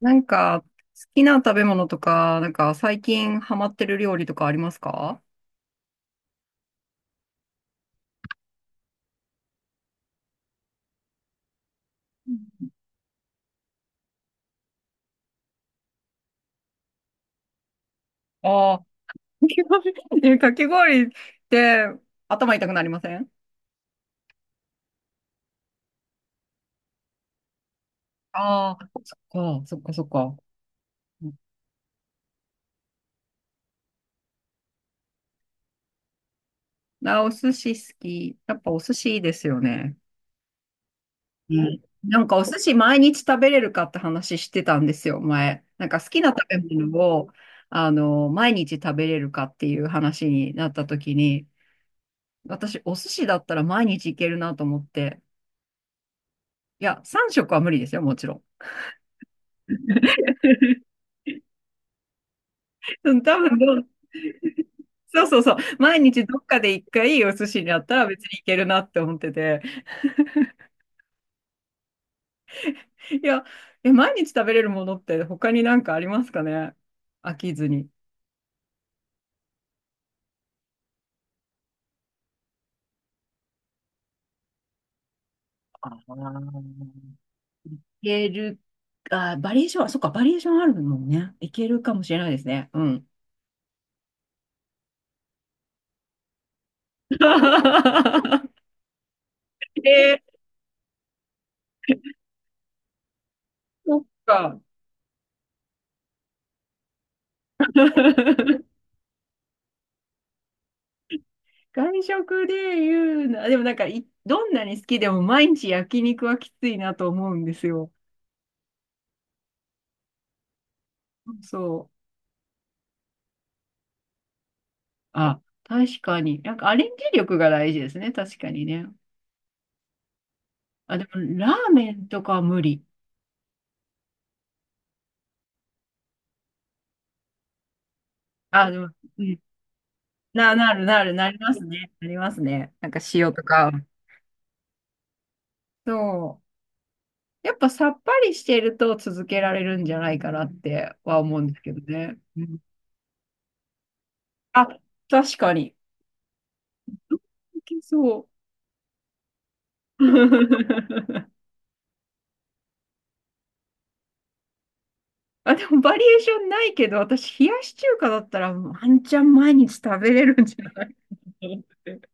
好きな食べ物とか、最近ハマってる料理とかありますか？ああー、かき氷え、かき氷って頭痛くなりません？ああー、そっか、そっか、そっか。あ、お寿司好き。やっぱお寿司いいですよね。うん、なんかお寿司毎日食べれるかって話してたんですよ、前。なんか好きな食べ物を、あの、毎日食べれるかっていう話になった時に、私、お寿司だったら毎日いけるなと思って。いや、3食は無理ですよ、もちろん。うん、多分どう、そうそうそう。毎日どっかで一回お寿司にあったら別にいけるなって思ってて。いや、え、毎日食べれるものって他にありますかね、飽きずに。あー、いける、あ、バリエーションは、そっか、バリエーションあるもんね。いけるかもしれないですね。うん。えー、そっか。外食で言うな、でもなんかい、どんなに好きでも毎日焼肉はきついなと思うんですよ。そう。あ、確かに。アレンジ力が大事ですね。確かにね。あ、でもラーメンとかは無理。あ、でも、うん。なるなる、なりますね。なりますね。なんか塩とか。そう。やっぱさっぱりしてると続けられるんじゃないかなっては思うんですけどね。うん、あ、確かに。いけそう。あ、でもバリエーションないけど、私、冷やし中華だったらワンチャン毎日食べれるんじゃないかと思って、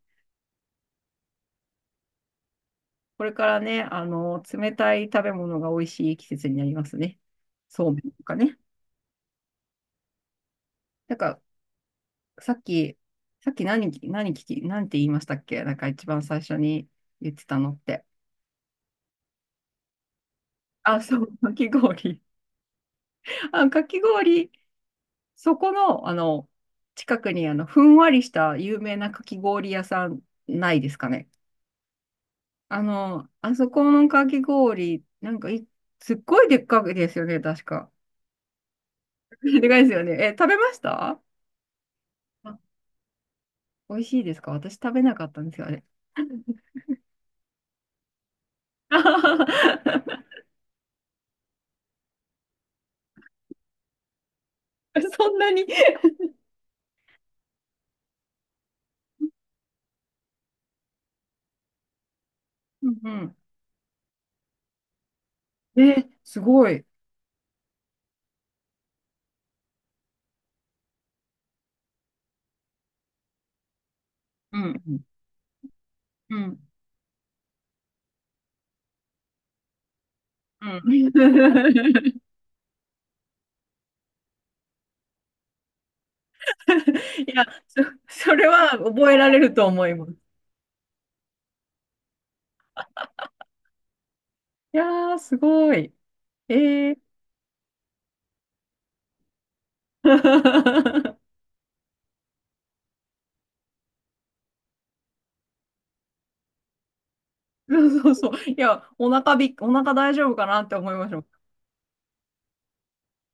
これからね、あの、冷たい食べ物が美味しい季節になりますね。そうめんとかね。なんか、さっき、さっき何、何聞き、なんて言いましたっけ、なんか一番最初に言ってたのって。あ、そう、かき氷。あ、かき氷、そこの、あの、近くに、あの、ふんわりした有名なかき氷屋さんないですかね。あの、あそこのかき氷、なんかい、すっごいでっかくですよね、確か。でかいですよね。え、食べました？あ、美味しいですか？私食べなかったんですよ、あれ。そんなに？うんうん。え、すごい。うんうん。うんうん。いや、そ、それは覚えられると思います。いやー、すごい。えー。そうそうそう。いや、お腹びっ、お腹大丈夫かなって思いました。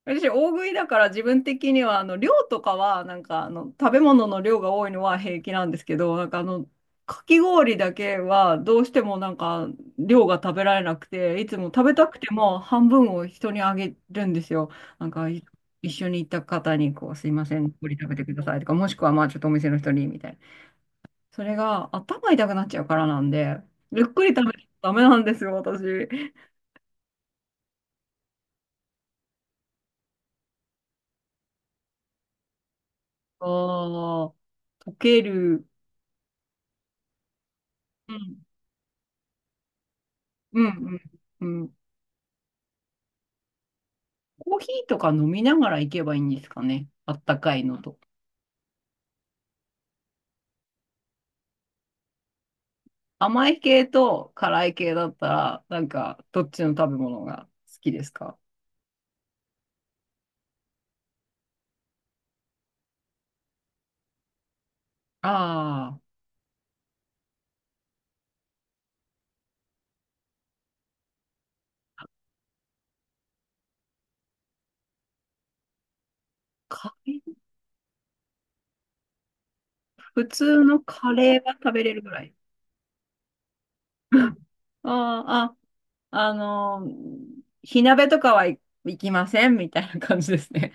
私、大食いだから自分的には、あの、量とかは、なんか、あの、食べ物の量が多いのは平気なんですけど、なんか、あの、かき氷だけは、どうしてもなんか、量が食べられなくて、いつも食べたくても半分を人にあげるんですよ。なんか、い一緒に行った方に、こう、すいません、これ食べてくださいとか、もしくは、まあ、ちょっとお店の人に、みたいな。それが、頭痛くなっちゃうからなんで、ゆっくり食べなとダメなんですよ、私。ああ、溶ける。うんうんうん、うん。コーヒーとか飲みながら行けばいいんですかね。あったかいのと。甘い系と辛い系だったら、なんか、どっちの食べ物が好きですか？ああー、カレー、普通のカレーは食べれるぐらい。あーあ、火鍋とかはい行きませんみたいな感じですね。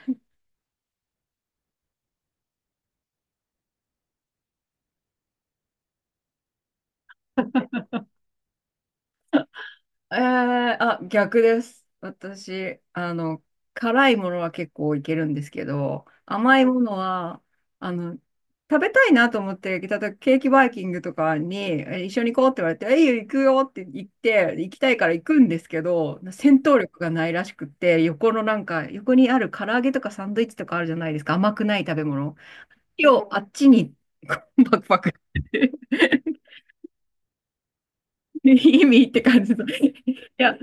えー、あ、逆です。私、あの、辛いものは結構いけるんですけど、甘いものは、あの、食べたいなと思って、例えばケーキバイキングとかに、え一緒に行こうって言われて、えいいよ、行くよって言って、行きたいから行くんですけど、戦闘力がないらしくって、横のなんか、横にある唐揚げとかサンドイッチとかあるじゃないですか、甘くない食べ物。今日、あっちに、こうバクバクって 意味って感じの。いや、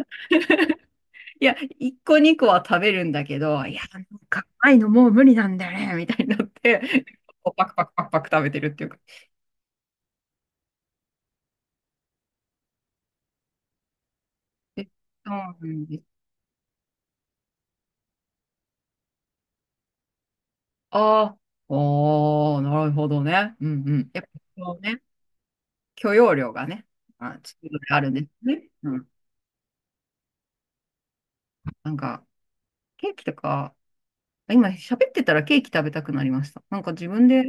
いや、一個二個は食べるんだけど、いや、なんか甘いのもう無理なんだよね、みたいになって、こうパクパクパクパク食べてるっていうか。え、そうなんです。ああ、ああ、なるほどね。うんうん。やっぱそうね、許容量がね、まあ、ちょっとあるんですね。うん。なんか、ケーキとか、今喋ってたらケーキ食べたくなりました。なんか自分で、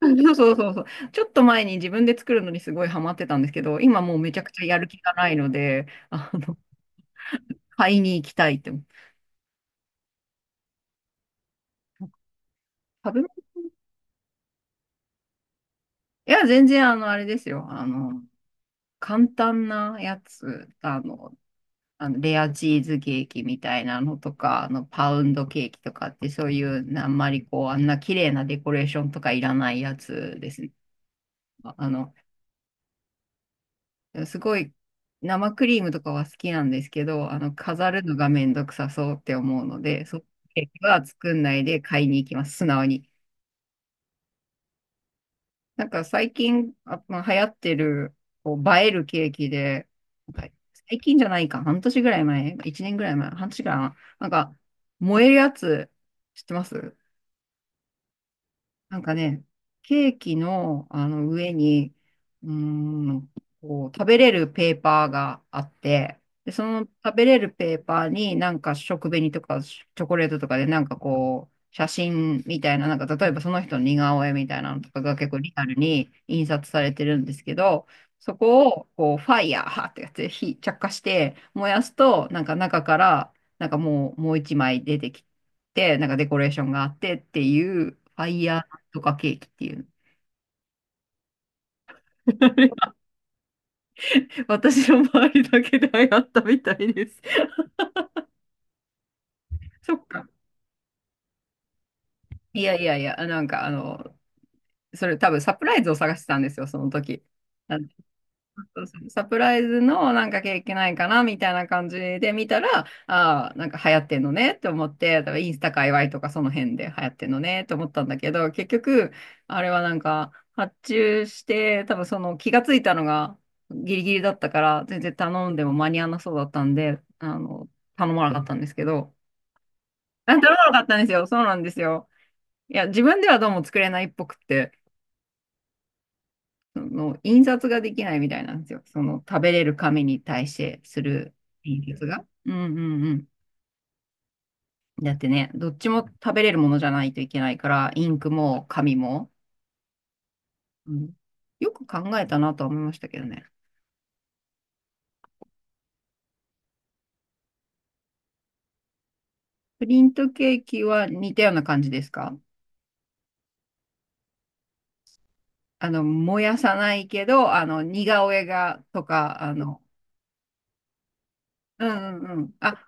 そうそうそうそう。ちょっと前に自分で作るのにすごいハマってたんですけど、今もうめちゃくちゃやる気がないので、あの、買いに行きたいって。食べ物、いや、全然、あの、あれですよ。あの、簡単なやつ、あの、あのレアチーズケーキみたいなのとか、あの、パウンドケーキとかって、そういう、あんまりこう、あんな綺麗なデコレーションとかいらないやつですね。あの、すごい、生クリームとかは好きなんですけど、あの、飾るのがめんどくさそうって思うので、そういうケーキは作んないで買いに行きます。素直に。なんか最近、あ、まあ、流行ってる、こう、映えるケーキで、なんか最近じゃないか、半年ぐらい前、1年ぐらい前、半年ぐらい前、なんか、燃えるやつ、知ってます？なんかね、ケーキの、あの上に、うーん、こう、食べれるペーパーがあって、で、その食べれるペーパーになんか食紅とかチョコレートとかでなんかこう、写真みたいな、なんか例えばその人の似顔絵みたいなのとかが結構リアルに印刷されてるんですけど、そこをこう、ファイヤーってやつで火、着火して燃やすと、なんか中から、なんかもう、もう一枚出てきて、なんかデコレーションがあってっていう、ファイヤーとかケーキっていう。私の周りだけで流行ったみたいです。そっか。いやいやいや、なんかあの、それ多分サプライズを探してたんですよ、その時。そうそう、サプライズのなんかケーないかなみたいな感じで見たら、ああ、なんか流行ってんのねって思って、だからインスタ界隈とかその辺で流行ってんのねって思ったんだけど、結局、あれはなんか発注して、多分その気がついたのがギリギリだったから、全然頼んでも間に合わなそうだったんで、あの、頼まなかったんですけど、あ、頼まなかったんですよ。そうなんですよ。いや、自分ではどうも作れないっぽくって。その印刷ができないみたいなんですよ。その食べれる紙に対してする印刷が。うんうんうん。だってね、どっちも食べれるものじゃないといけないから、インクも紙も。うん、よく考えたなとは思いましたけどね。プリントケーキは似たような感じですか？あの、燃やさないけど、あの、似顔絵がとか、あの、うんうんうん。あ、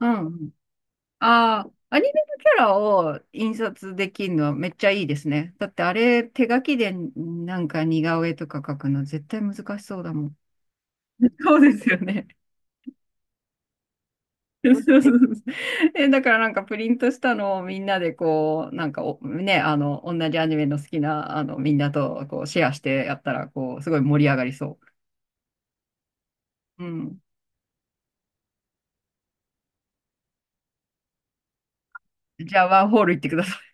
うん、ああ、アニメのキャラを印刷できるのはめっちゃいいですね。だってあれ、手書きでなんか似顔絵とか描くの絶対難しそうだもん。そうですよね。そうそうそうそう、え、だからなんかプリントしたのをみんなでこう、なんかおね、あの、同じアニメの好きな、あの、みんなとこうシェアしてやったら、こう、すごい盛り上がりそう。うん。じゃあ、ワンホール行ってください。